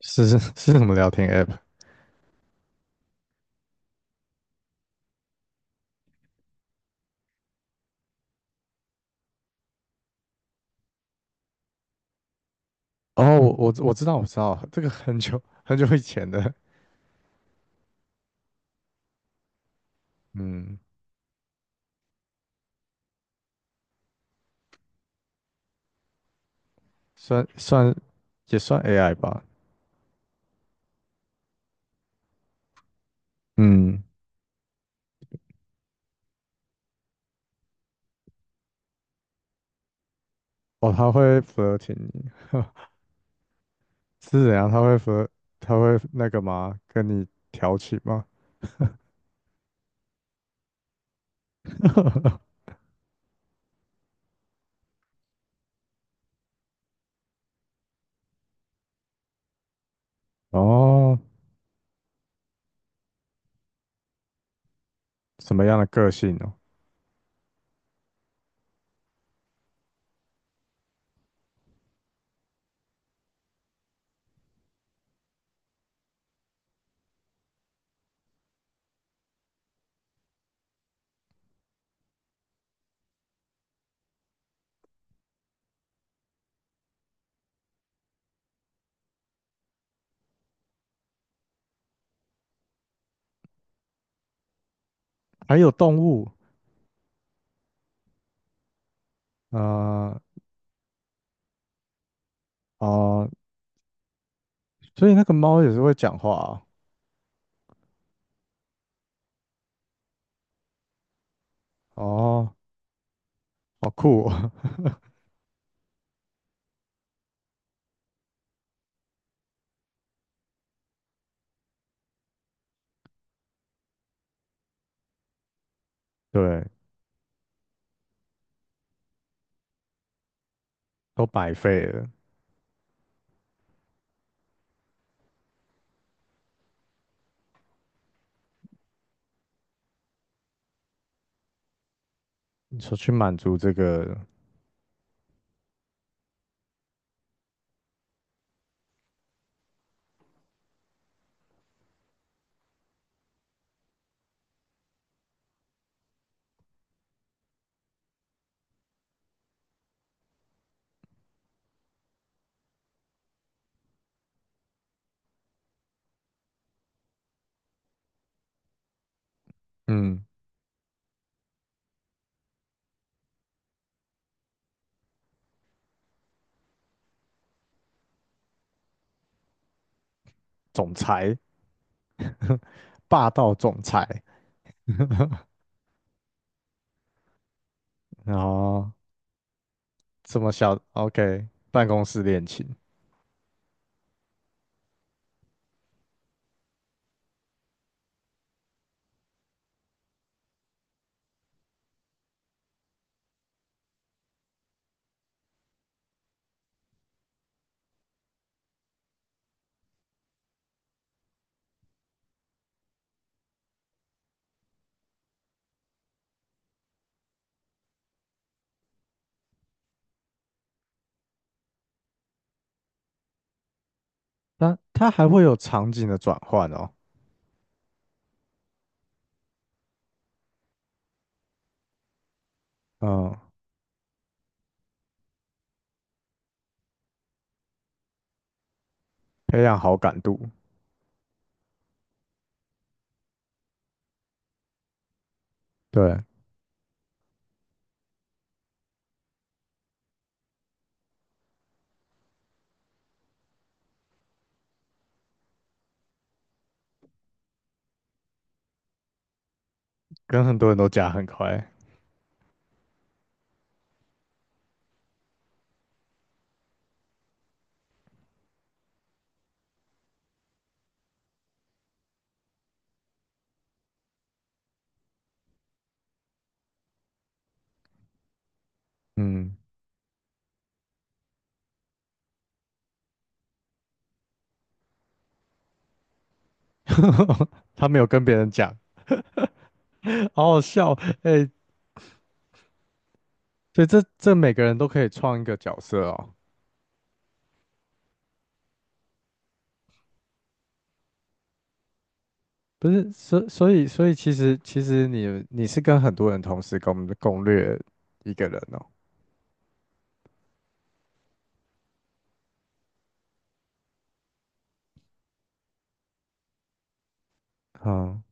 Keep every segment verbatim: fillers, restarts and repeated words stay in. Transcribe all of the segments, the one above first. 是是 是什么聊天 app？哦，我我我知道我知道，这个很久很久以前的。嗯，算算也算 A I 吧。嗯。哦，他会 flirting 你。是怎样？他会 flirt，他会那个吗？跟你调情吗？哦，什么样的个性哦？还有动物。呃啊，所以那个猫也是会讲话啊。哦，好酷哦。对，都白费了。你说去满足这个。嗯。总裁。霸道总裁。然后这么小，OK，办公室恋情。那他还会有场景的转换哦？嗯。培养好感度。对，跟很多人都讲很快。嗯。他没有跟别人讲。好好笑。哎、所以这这每个人都可以创一个角色哦？不是，所所以所以其实其实你你是跟很多人同时攻攻略一个人哦？嗯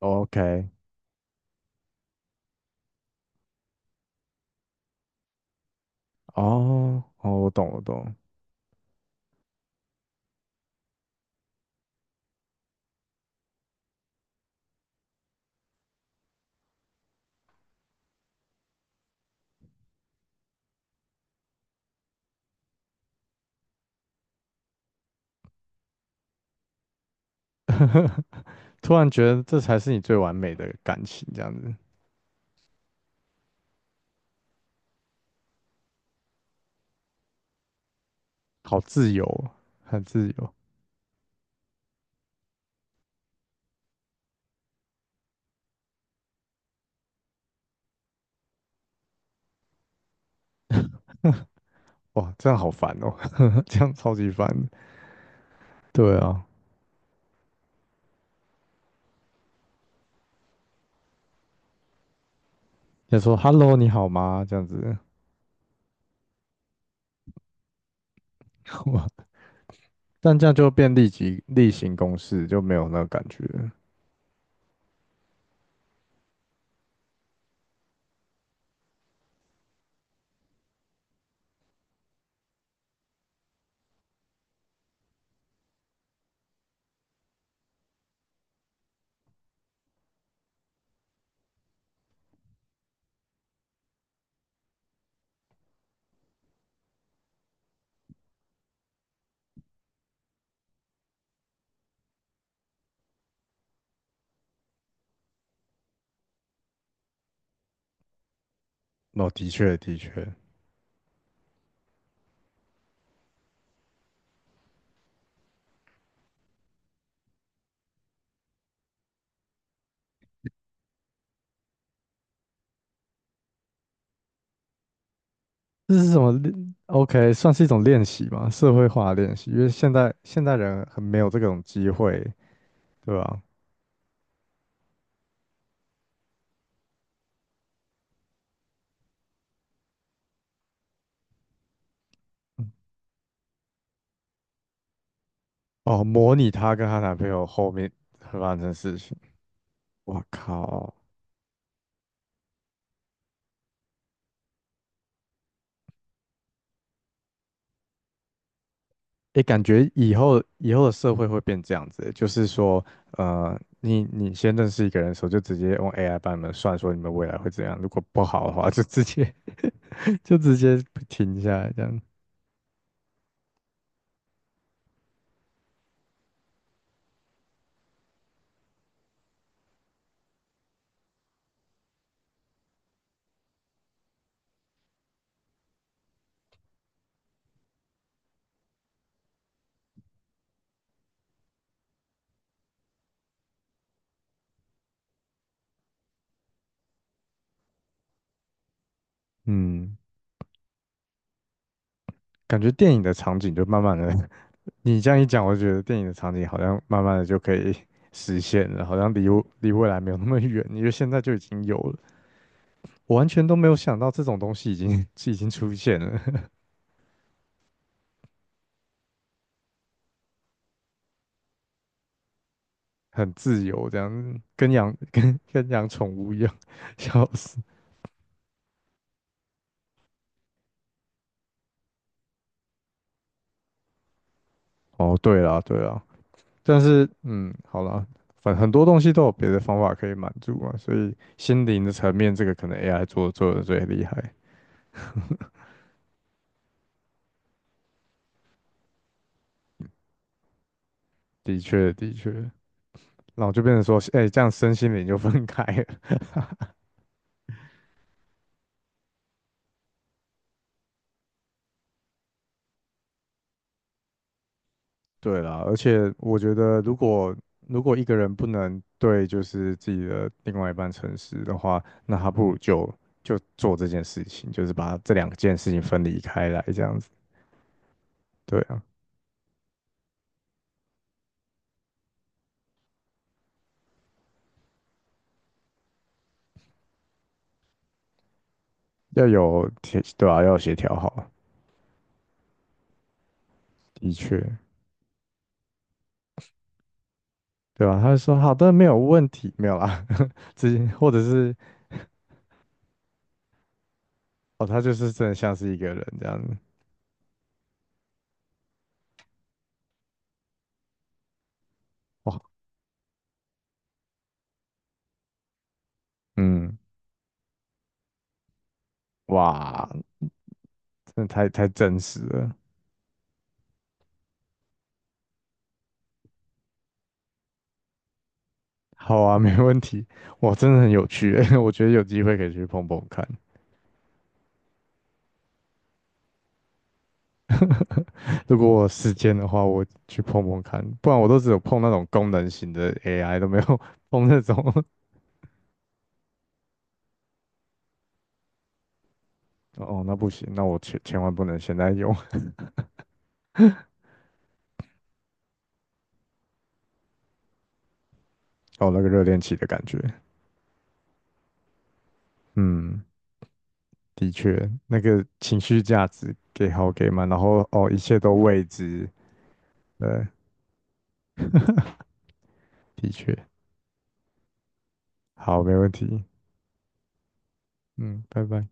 ，OK。哦哦，我懂我懂，突然觉得这才是你最完美的感情，这样子。好自由哦，很自由。哇，这样好烦哦。这样超级烦的。对啊，要说 “hello，你好吗”这样子。哇。但这样就变立即例行公事，就没有那个感觉了。哦，的确的确。这是什么 o k, 算是一种练习嘛，社会化的练习，因为现在现代人很没有这种机会，对吧？哦，模拟她跟她男朋友后面会发生的事情。我靠！诶，感觉以后以后的社会会变这样子欸。就是说，呃，你你先认识一个人的时候，就直接用 A I 帮你们算说你们未来会怎样，如果不好的话，就直接 就直接停下来这样。嗯，感觉电影的场景就慢慢的。你这样一讲，我觉得电影的场景好像慢慢的就可以实现了，好像离我离未来没有那么远，因为现在就已经有了。我完全都没有想到这种东西已经 已经出现了。很自由这样子，跟养跟跟养宠物一样。笑死。哦，对啦对啦。但是嗯，好啦，反很多东西都有别的方法可以满足嘛，所以心灵的层面这个可能 A I 做做的最厉害。的确的确。然后就变成说，哎、这样身心灵就分开。对啦，而且我觉得，如果如果一个人不能对就是自己的另外一半诚实的话，那他不如就就做这件事情，就是把这两件事情分离开来，这样子。对啊，要有协，对啊，要有协调好。的确。对啊，他就说好的，没有问题，没有啦。直接或者是哦，他就是真的像是一个人这样子。哇。嗯。哇，真的太太真实了。好啊，没问题。哇，真的很有趣欸。我觉得有机会可以去碰碰看。如果我有时间的话，我去碰碰看，不然我都只有碰那种功能型的 A I，都没有 碰那种。哦，那不行，那我千千万不能现在用。哦，那个热恋期的感觉。嗯，的确。那个情绪价值给好给满，然后哦，一切都未知。对，的确。好，没问题。嗯，拜拜。